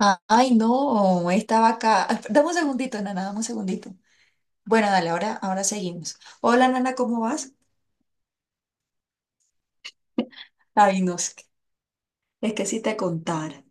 Ay, no, estaba acá. Dame un segundito, Nana, dame un segundito. Bueno, dale, ahora seguimos. Hola, Nana, ¿cómo vas? Ay, no, es que si te contara.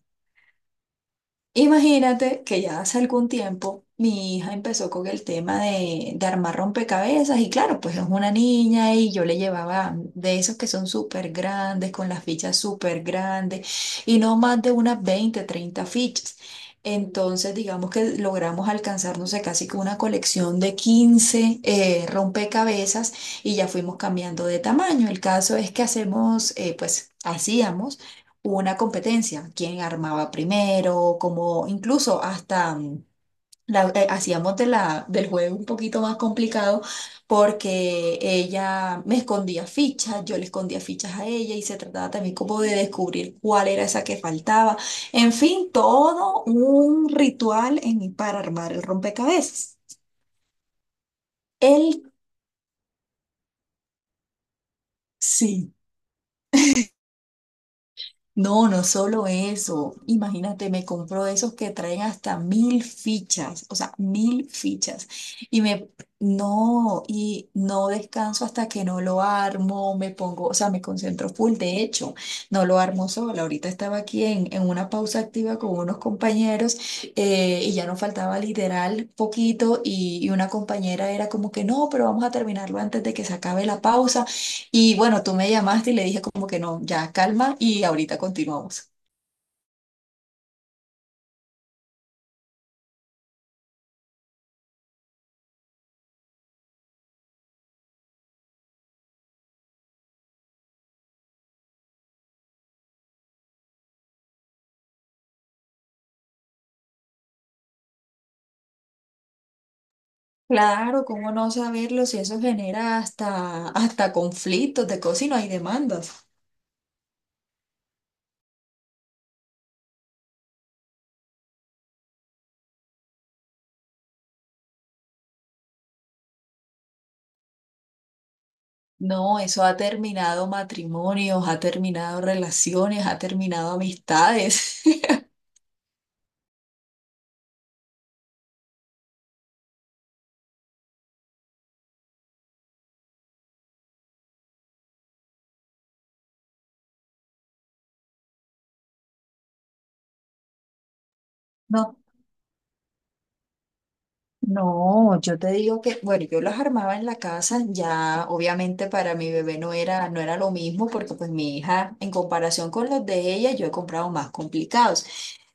Imagínate que ya hace algún tiempo mi hija empezó con el tema de armar rompecabezas y claro, pues es una niña y yo le llevaba de esos que son súper grandes, con las fichas súper grandes y no más de unas 20 30 fichas. Entonces, digamos que logramos alcanzar, no sé, casi que una colección de 15 rompecabezas y ya fuimos cambiando de tamaño. El caso es que hacemos, pues hacíamos hubo una competencia, quién armaba primero, como incluso hasta hacíamos del juego un poquito más complicado porque ella me escondía fichas, yo le escondía fichas a ella y se trataba también como de descubrir cuál era esa que faltaba. En fin, todo un ritual para armar el rompecabezas. Él sí. No, no solo eso. Imagínate, me compro esos que traen hasta 1000 fichas, o sea, 1000 fichas. Y me, no, y no descanso hasta que no lo armo, me pongo, o sea, me concentro full. De hecho, no lo armo sola. Ahorita estaba aquí en una pausa activa con unos compañeros y ya nos faltaba literal poquito y una compañera era como que no, pero vamos a terminarlo antes de que se acabe la pausa. Y bueno, tú me llamaste y le dije como que no, ya calma y ahorita continuamos. Claro, ¿cómo no saberlo si eso genera hasta, hasta conflictos de cosas y no hay demandas? No, eso ha terminado matrimonios, ha terminado relaciones, ha terminado amistades. No, no, yo te digo que, bueno, yo las armaba en la casa, ya obviamente para mi bebé no era, no era lo mismo, porque pues mi hija, en comparación con los de ella, yo he comprado más complicados.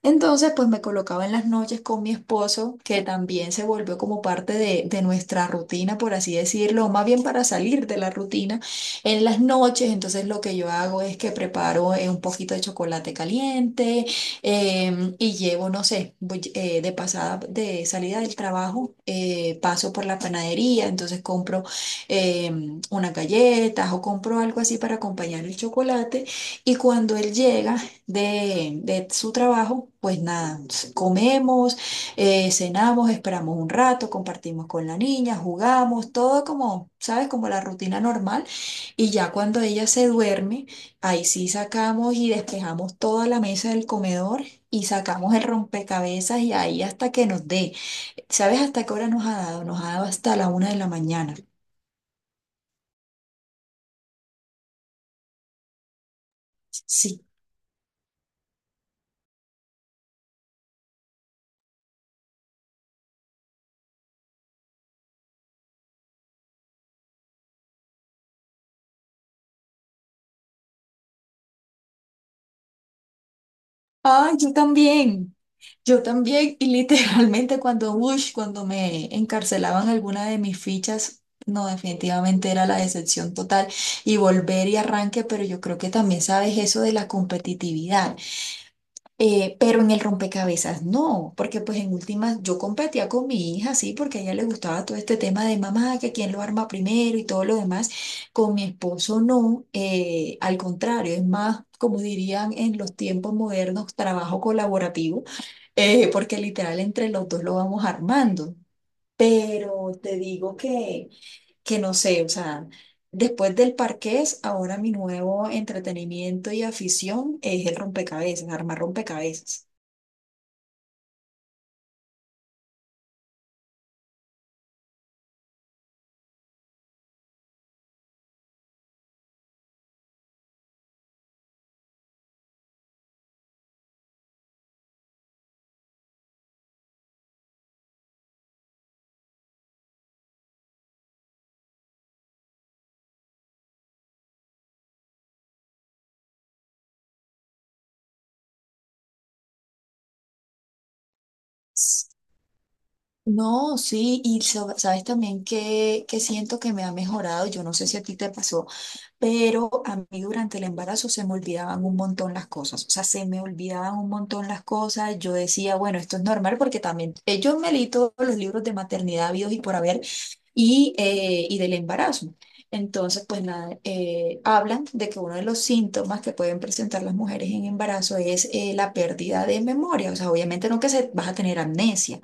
Entonces, pues me colocaba en las noches con mi esposo, que también se volvió como parte de nuestra rutina, por así decirlo, o más bien para salir de la rutina en las noches. Entonces, lo que yo hago es que preparo un poquito de chocolate caliente. Y llevo, no sé, voy, de pasada, de salida del trabajo, paso por la panadería, entonces compro unas galletas o compro algo así para acompañar el chocolate. Y cuando él llega de su trabajo, pues nada, comemos, cenamos, esperamos un rato, compartimos con la niña, jugamos, todo como, ¿sabes? Como la rutina normal. Y ya cuando ella se duerme, ahí sí sacamos y despejamos toda la mesa del comedor y sacamos el rompecabezas y ahí hasta que nos dé. ¿Sabes hasta qué hora nos ha dado? Nos ha dado hasta la una de la mañana. Sí. Ah, yo también. Yo también. Y literalmente cuando, ush, cuando me encarcelaban alguna de mis fichas, no, definitivamente era la decepción total. Y volver y arranque, pero yo creo que también sabes eso de la competitividad. Pero en el rompecabezas no, porque pues en últimas yo competía con mi hija, sí, porque a ella le gustaba todo este tema de mamá, que quién lo arma primero y todo lo demás. Con mi esposo no, al contrario, es más, como dirían en los tiempos modernos, trabajo colaborativo, porque literal entre los dos lo vamos armando. Pero te digo que no sé, o sea, después del parqués, ahora mi nuevo entretenimiento y afición es el rompecabezas, armar rompecabezas. No, sí, y sabes también que siento que me ha mejorado, yo no sé si a ti te pasó, pero a mí durante el embarazo se me olvidaban un montón las cosas, o sea, se me olvidaban un montón las cosas, yo decía, bueno, esto es normal porque también yo me leí todos los libros de maternidad habidos y por haber, y del embarazo. Entonces, pues nada, hablan de que uno de los síntomas que pueden presentar las mujeres en embarazo es la pérdida de memoria. O sea, obviamente no que se, vas a tener amnesia,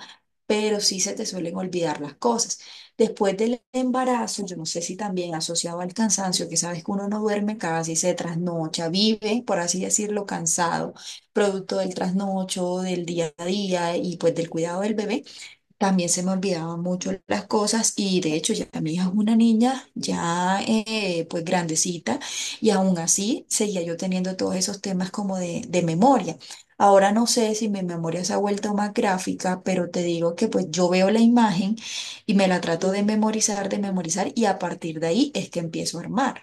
pero sí se te suelen olvidar las cosas. Después del embarazo, yo no sé si también asociado al cansancio, que sabes que uno no duerme casi, se trasnocha, vive, por así decirlo, cansado, producto del trasnocho, del día a día y pues del cuidado del bebé. También se me olvidaban mucho las cosas y de hecho ya mi hija es una niña ya pues grandecita y aún así seguía yo teniendo todos esos temas como de memoria. Ahora no sé si mi memoria se ha vuelto más gráfica, pero te digo que pues yo veo la imagen y me la trato de memorizar y a partir de ahí es que empiezo a armar.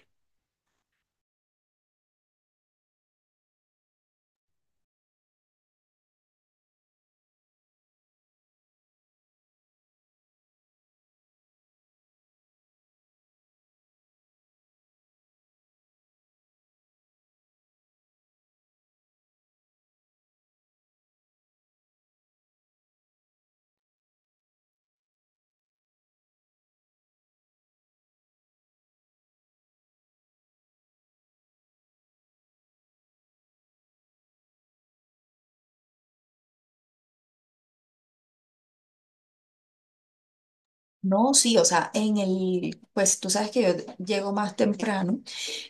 No, sí, o sea, en el, pues tú sabes que yo llego más temprano.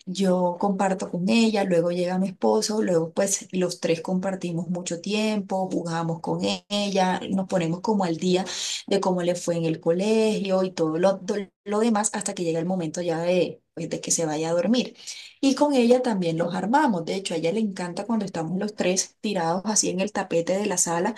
Yo comparto con ella, luego llega mi esposo, luego pues los tres compartimos mucho tiempo, jugamos con ella, nos ponemos como al día de cómo le fue en el colegio y todo lo demás hasta que llega el momento ya de, pues, de que se vaya a dormir. Y con ella también los armamos, de hecho a ella le encanta cuando estamos los tres tirados así en el tapete de la sala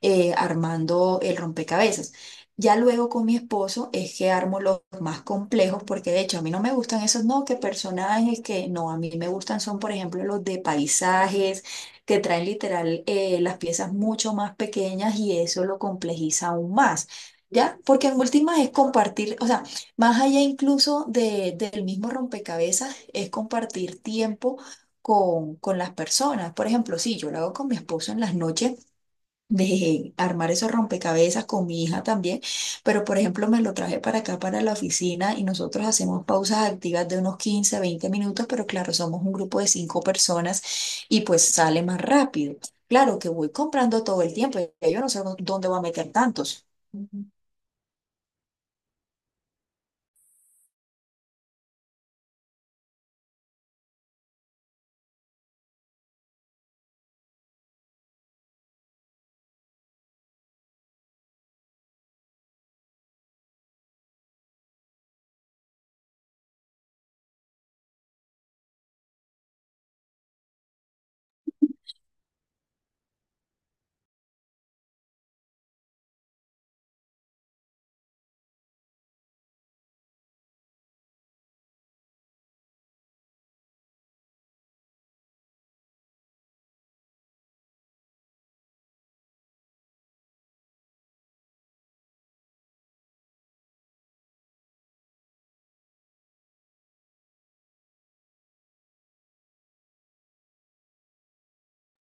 armando el rompecabezas. Ya luego con mi esposo es que armo los más complejos, porque de hecho a mí no me gustan esos, no, que personajes que no, a mí me gustan son, por ejemplo, los de paisajes, que traen literal las piezas mucho más pequeñas y eso lo complejiza aún más. ¿Ya? Porque en últimas es compartir, o sea, más allá incluso del mismo rompecabezas, es compartir tiempo con las personas. Por ejemplo, si yo lo hago con mi esposo en las noches, de armar esos rompecabezas con mi hija también, pero por ejemplo me lo traje para acá, para la oficina y nosotros hacemos pausas activas de unos 15 20 minutos, pero claro, somos un grupo de cinco personas y pues sale más rápido. Claro que voy comprando todo el tiempo, ya yo no sé dónde voy a meter tantos. Ujú.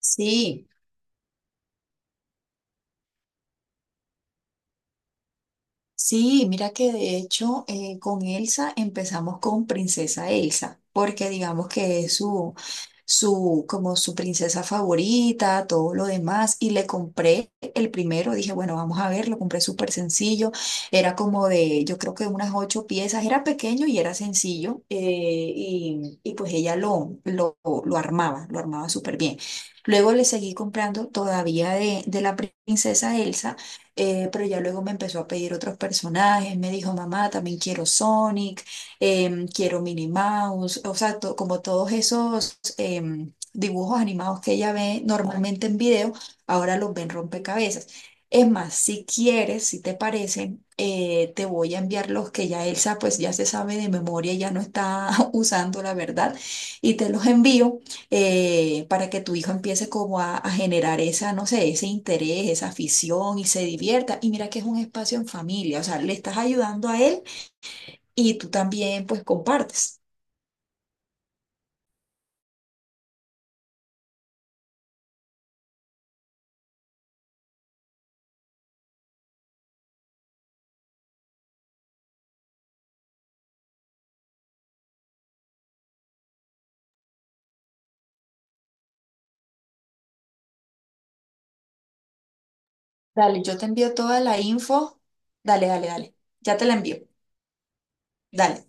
Sí. Sí, mira que de hecho con Elsa empezamos con Princesa Elsa, porque digamos que es como su princesa favorita, todo lo demás, y le compré el primero, dije, bueno, vamos a ver, lo compré súper sencillo, era como de, yo creo que unas ocho piezas, era pequeño y era sencillo, y pues ella lo armaba súper bien. Luego le seguí comprando todavía de la princesa Elsa pero ya luego me empezó a pedir otros personajes, me dijo, mamá, también quiero Sonic, quiero Minnie Mouse, o sea, como todos esos dibujos animados que ella ve normalmente en video, ahora los ven rompecabezas. Es más, si quieres, si te parece, te voy a enviar los que ya Elsa pues ya se sabe de memoria, ya no está usando la verdad, y te los envío para que tu hijo empiece como a generar esa, no sé, ese interés, esa afición y se divierta. Y mira que es un espacio en familia, o sea, le estás ayudando a él y tú también pues compartes. Dale, yo te envío toda la info. Dale, dale, dale. Ya te la envío. Dale.